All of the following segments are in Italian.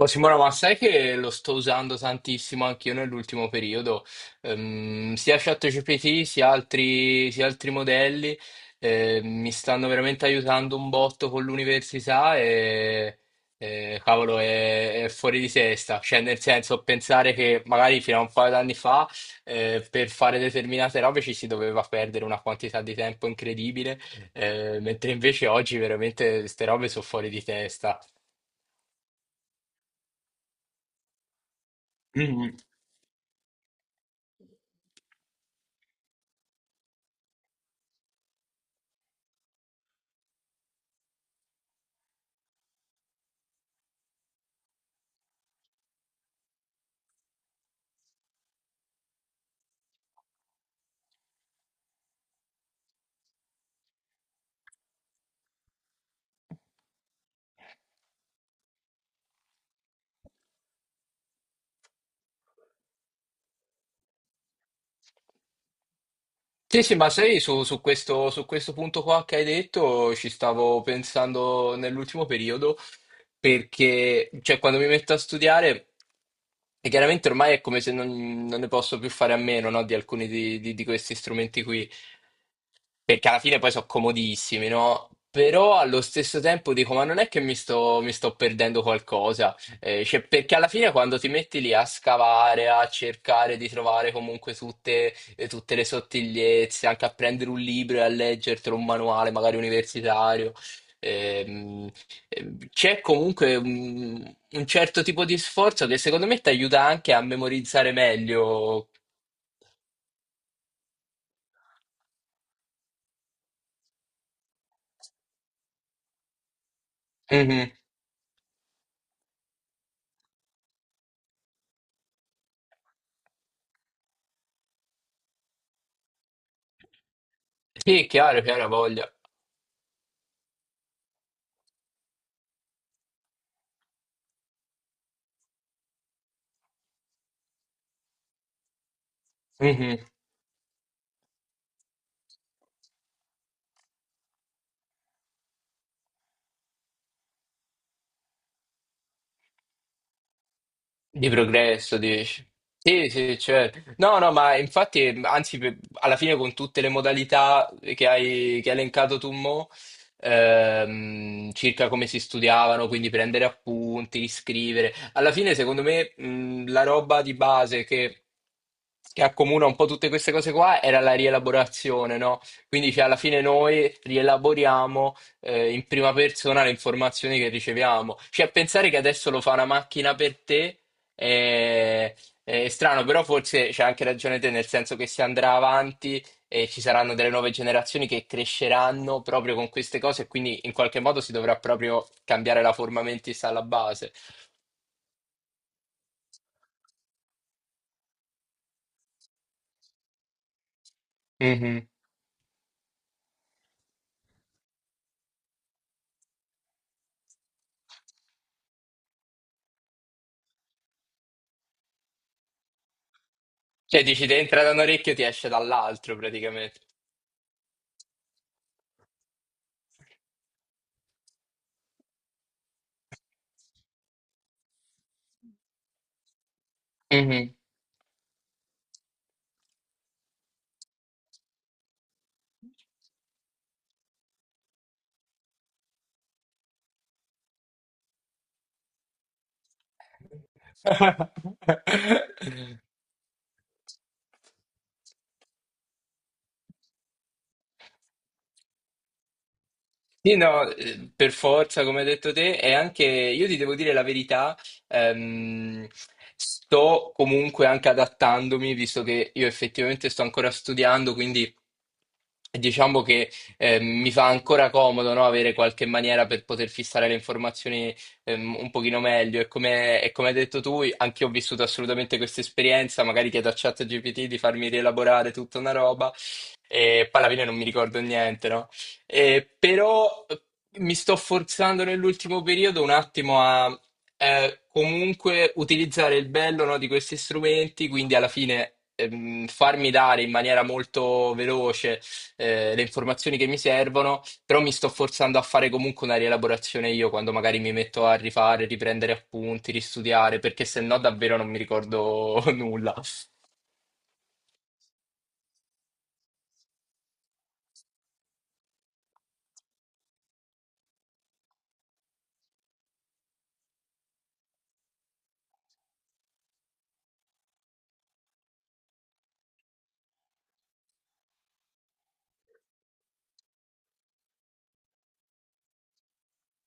Oh, Simona, ma sai che lo sto usando tantissimo anch'io nell'ultimo periodo. Sia ChatGPT sia altri modelli, mi stanno veramente aiutando un botto con l'università e cavolo, è fuori di testa, cioè nel senso pensare che magari fino a un paio d'anni fa per fare determinate robe ci si doveva perdere una quantità di tempo incredibile, mentre invece oggi veramente queste robe sono fuori di testa. Sì, sì, ma sai, su questo punto qua che hai detto ci stavo pensando nell'ultimo periodo, perché cioè, quando mi metto a studiare, e chiaramente ormai è come se non ne posso più fare a meno, no, di alcuni di questi strumenti qui, perché alla fine poi sono comodissimi, no? Però allo stesso tempo dico, ma non è che mi sto perdendo qualcosa, eh, cioè, perché alla fine quando ti metti lì a scavare, a cercare di trovare comunque tutte le sottigliezze, anche a prendere un libro e a leggertelo, un manuale magari universitario, ehm, c'è comunque un certo tipo di sforzo che secondo me ti aiuta anche a memorizzare meglio. Mhm. Sì, è chiaro, chiaro, ha voglia. Di progresso, dici? Sì, sì, cioè, no, no, ma infatti, anzi, per- alla fine con tutte le modalità che hai elencato tu, mo, circa come si studiavano, quindi prendere appunti, riscrivere, alla fine, secondo me, la roba di base che accomuna un po' tutte queste cose qua era la rielaborazione, no? Quindi, cioè, alla fine noi rielaboriamo in prima persona le informazioni che riceviamo. Cioè, pensare che adesso lo fa una macchina per te e- è strano, però forse c'è anche ragione te, nel senso che si andrà avanti e ci saranno delle nuove generazioni che cresceranno proprio con queste cose e quindi in qualche modo si dovrà proprio cambiare la forma mentis alla base. Mhm. Cioè dici, ti entra da un orecchio, ti esce dall'altro praticamente. Mhm. Sì, no, per forza, come hai detto te, e anche io ti devo dire la verità, ehm, sto comunque anche adattandomi, visto che io effettivamente sto ancora studiando, quindi diciamo che mi fa ancora comodo, no, avere qualche maniera per poter fissare le informazioni un pochino meglio. E come hai detto tu, anche io ho vissuto assolutamente questa esperienza, magari chiedo a ChatGPT di farmi rielaborare tutta una roba e poi alla fine non mi ricordo niente, no? Però mi sto forzando nell'ultimo periodo un attimo a comunque utilizzare il bello, no, di questi strumenti, quindi alla fine farmi dare in maniera molto veloce le informazioni che mi servono, però mi sto forzando a fare comunque una rielaborazione io quando magari mi metto a rifare, riprendere appunti, ristudiare, perché se no davvero non mi ricordo nulla.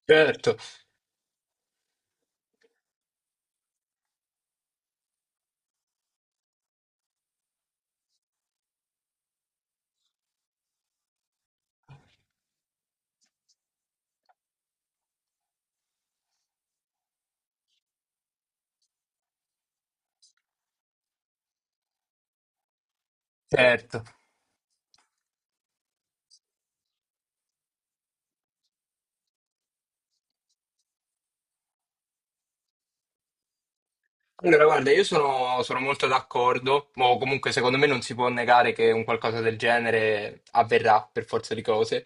Certo, certo. Allora, guarda, io sono, sono molto d'accordo, o comunque secondo me non si può negare che un qualcosa del genere avverrà per forza di cose,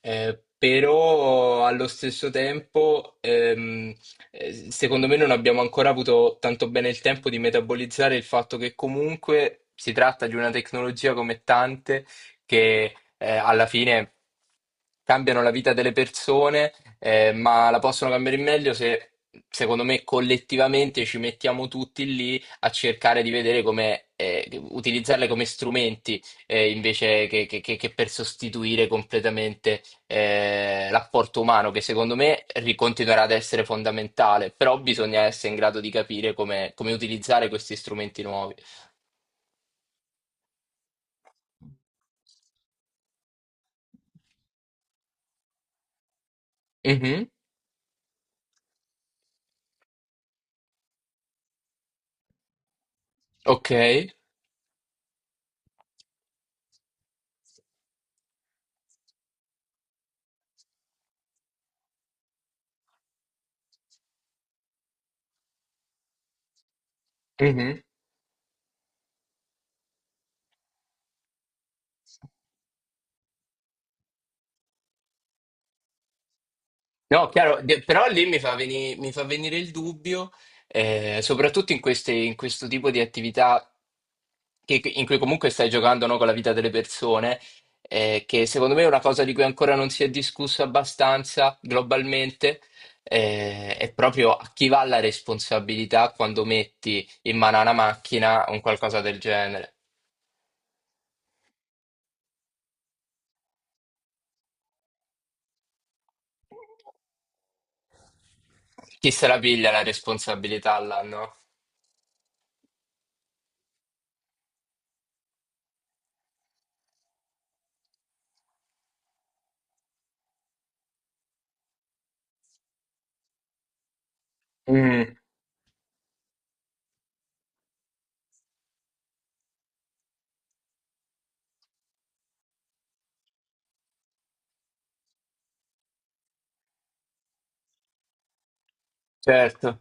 però allo stesso tempo, secondo me non abbiamo ancora avuto tanto bene il tempo di metabolizzare il fatto che comunque si tratta di una tecnologia come tante che alla fine cambiano la vita delle persone, ma la possono cambiare in meglio se, secondo me, collettivamente ci mettiamo tutti lì a cercare di vedere come utilizzarle come strumenti invece che per sostituire completamente l'apporto umano, che secondo me ri- continuerà ad essere fondamentale, però bisogna essere in grado di capire come, come utilizzare questi strumenti nuovi. Mhm, ok. Mhm. No, chiaro, de- però lì mi fa veni- mi fa venire il dubbio, soprattutto in queste- in questo tipo di attività che- in cui comunque stai giocando, no, con la vita delle persone, che secondo me è una cosa di cui ancora non si è discusso abbastanza globalmente, è proprio a chi va la responsabilità quando metti in mano a una macchina un qualcosa del genere. Chi se la piglia la responsabilità là, no? Mm, certo.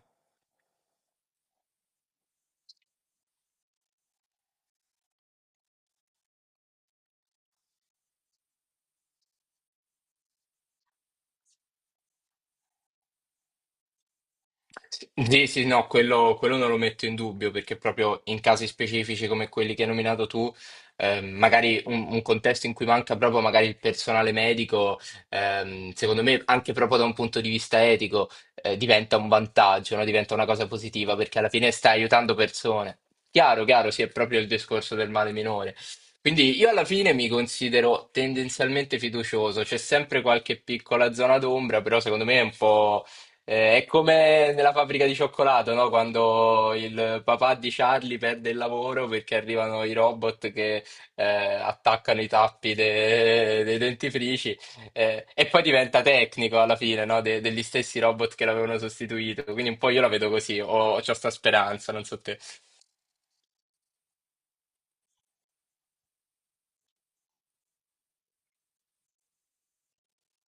Sì, sì, no, quello non lo metto in dubbio perché proprio in casi specifici come quelli che hai nominato tu, magari un contesto in cui manca proprio magari il personale medico, secondo me anche proprio da un punto di vista etico, diventa un vantaggio, no? Diventa una cosa positiva perché alla fine stai aiutando persone. Chiaro, chiaro, sì, è proprio il discorso del male minore. Quindi io alla fine mi considero tendenzialmente fiducioso, c'è sempre qualche piccola zona d'ombra, però secondo me è un po'... è come nella fabbrica di cioccolato, no? Quando il papà di Charlie perde il lavoro perché arrivano i robot che attaccano i tappi de- dei dentifrici e poi diventa tecnico alla fine, no? De- degli stessi robot che l'avevano sostituito. Quindi un po' io la vedo così, ho sta speranza, non so te.